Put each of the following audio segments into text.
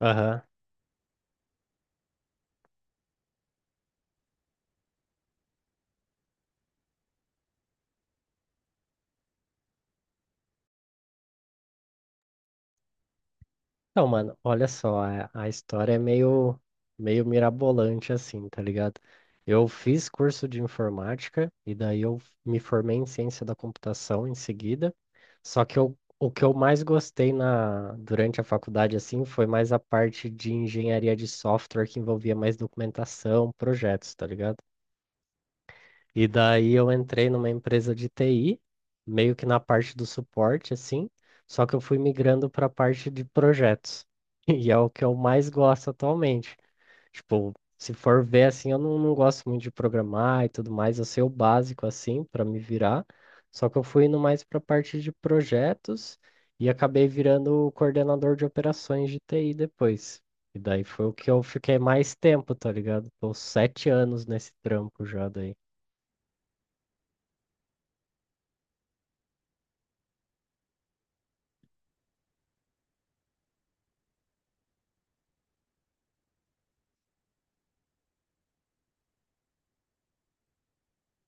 Aham. Então, mano, olha só, a história é meio mirabolante assim, tá ligado? Eu fiz curso de informática e daí eu me formei em ciência da computação em seguida. O que eu mais gostei durante a faculdade assim foi mais a parte de engenharia de software que envolvia mais documentação, projetos, tá ligado? E daí eu entrei numa empresa de TI, meio que na parte do suporte, assim, só que eu fui migrando para a parte de projetos. E é o que eu mais gosto atualmente. Tipo, se for ver assim, eu não gosto muito de programar e tudo mais, eu sei o básico assim para me virar. Só que eu fui indo mais para a parte de projetos e acabei virando o coordenador de operações de TI depois. E daí foi o que eu fiquei mais tempo, tá ligado? Tô 7 anos nesse trampo já daí.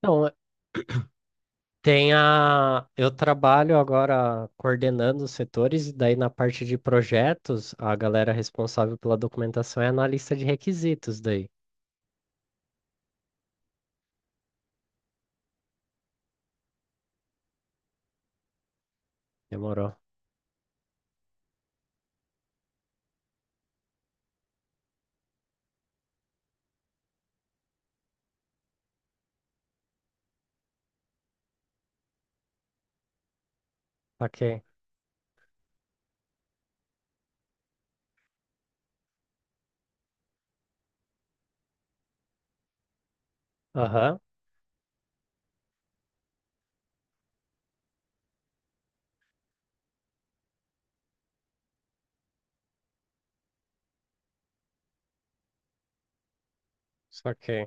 Então, eu trabalho agora coordenando os setores, e daí na parte de projetos, a galera responsável pela documentação é analista de requisitos daí. Demorou. Saquei. Aham, saquei.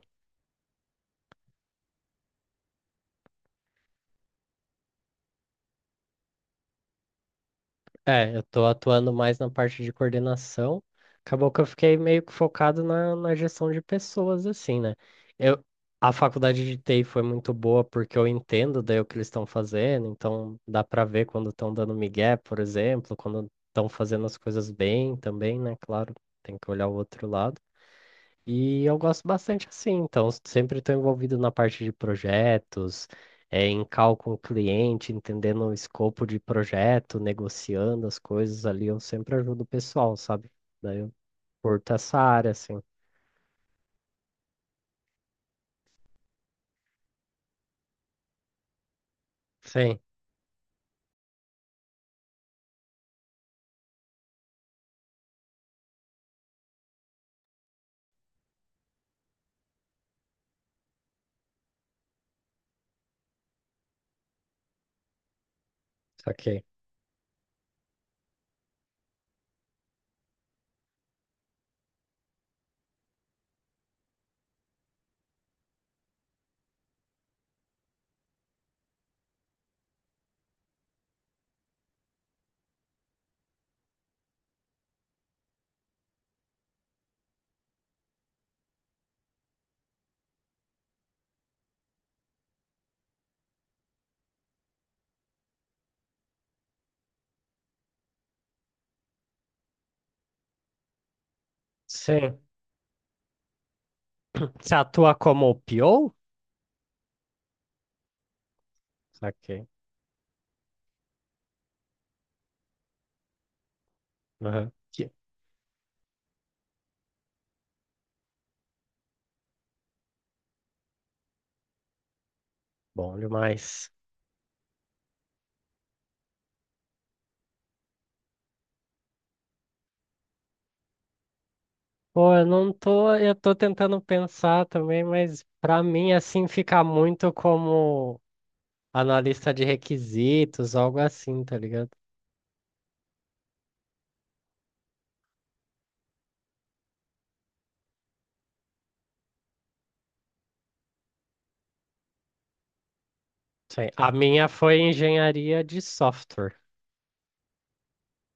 É, eu tô atuando mais na parte de coordenação. Acabou que eu fiquei meio que focado na gestão de pessoas, assim, né? Eu, a faculdade de TI foi muito boa porque eu entendo daí o que eles estão fazendo, então dá pra ver quando estão dando migué, por exemplo, quando estão fazendo as coisas bem também, né? Claro, tem que olhar o outro lado. E eu gosto bastante assim, então sempre estou envolvido na parte de projetos, em call com o cliente, entendendo o escopo de projeto, negociando as coisas ali, eu sempre ajudo o pessoal, sabe? Daí eu curto essa área, assim. Sim, saquei. Sim. Você atua como PO? Saquei. Aham. Que bom demais. Pô, eu não tô, eu tô tentando pensar também, mas pra mim assim fica muito como analista de requisitos, algo assim, tá ligado? Sim. A minha foi engenharia de software.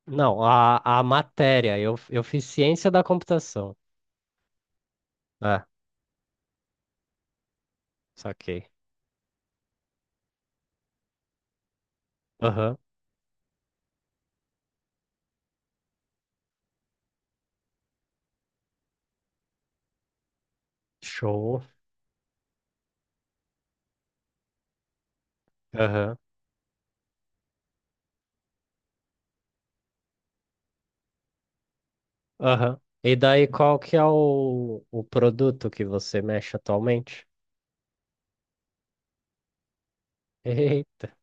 Não, a matéria, eu fiz ciência da computação. Ah, saquei. Aham, show. Aham, aham. E daí, qual que é o produto que você mexe atualmente?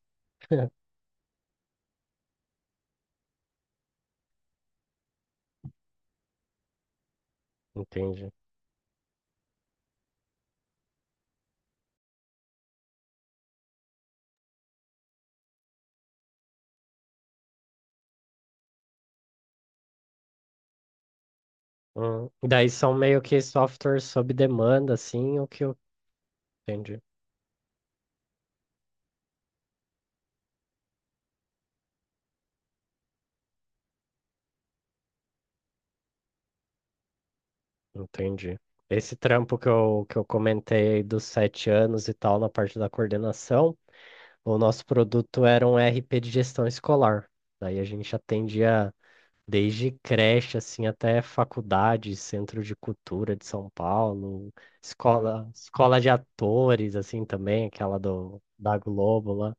Entendi. Daí são meio que softwares sob demanda, assim, o que eu entendi. Entendi. Esse trampo que que eu comentei aí dos 7 anos e tal, na parte da coordenação, o nosso produto era um RP de gestão escolar. Daí a gente atendia desde creche, assim, até faculdade, centro de cultura de São Paulo, escola de atores, assim, também, aquela da Globo lá.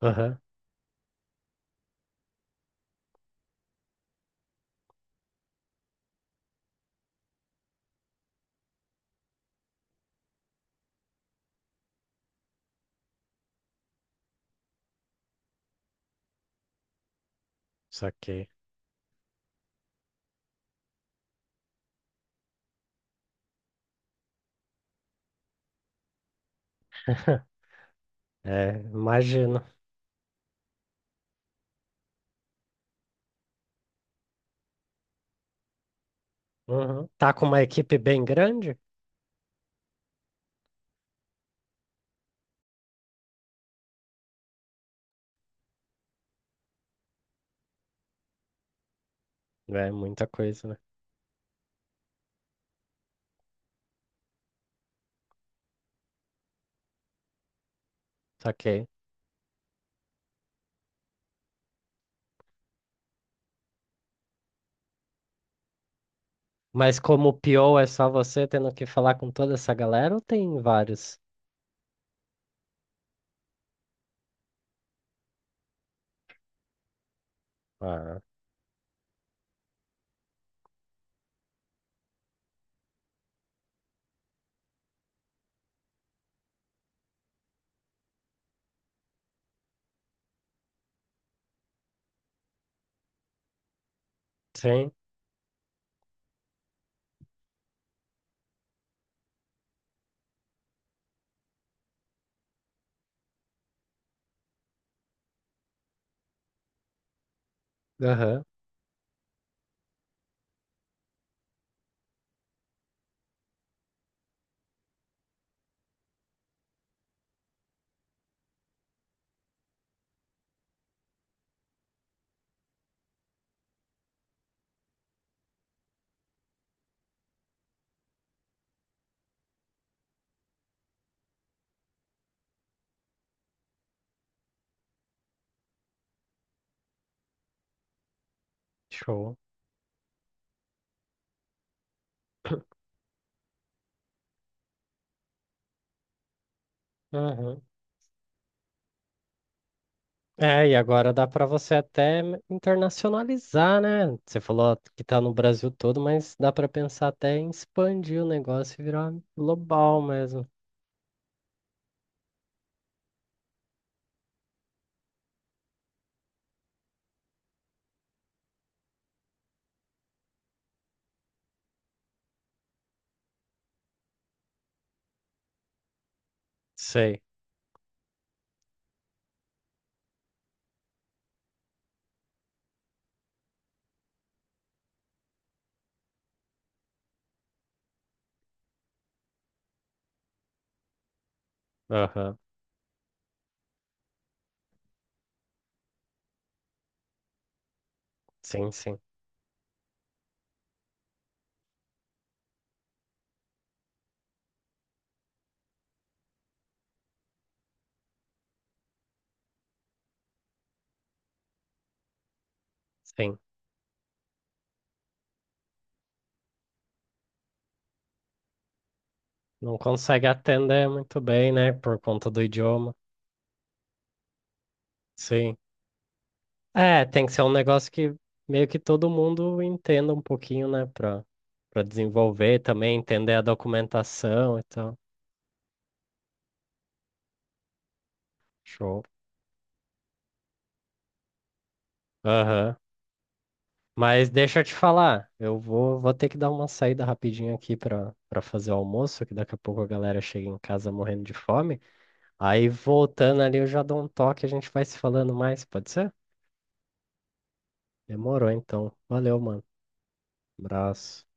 Aham, saquei. É, imagino. Uhum. Tá com uma equipe bem grande? É, muita coisa, né? Saquei. Mas como PO é só você tendo que falar com toda essa galera ou tem vários? Ah, sim. Aham. Show. Aham. É, e agora dá para você até internacionalizar, né? Você falou que tá no Brasil todo, mas dá para pensar até em expandir o negócio e virar global mesmo. Sei. Aham. Sim, sim, sim. Não consegue atender muito bem, né? Por conta do idioma. Sim. É, tem que ser um negócio que meio que todo mundo entenda um pouquinho, né? Pra desenvolver também, entender a documentação e tal. Show. Aham. Mas deixa eu te falar, eu vou ter que dar uma saída rapidinho aqui pra fazer o almoço, que daqui a pouco a galera chega em casa morrendo de fome. Aí voltando ali eu já dou um toque, a gente vai se falando mais, pode ser? Demorou então. Valeu, mano. Abraço.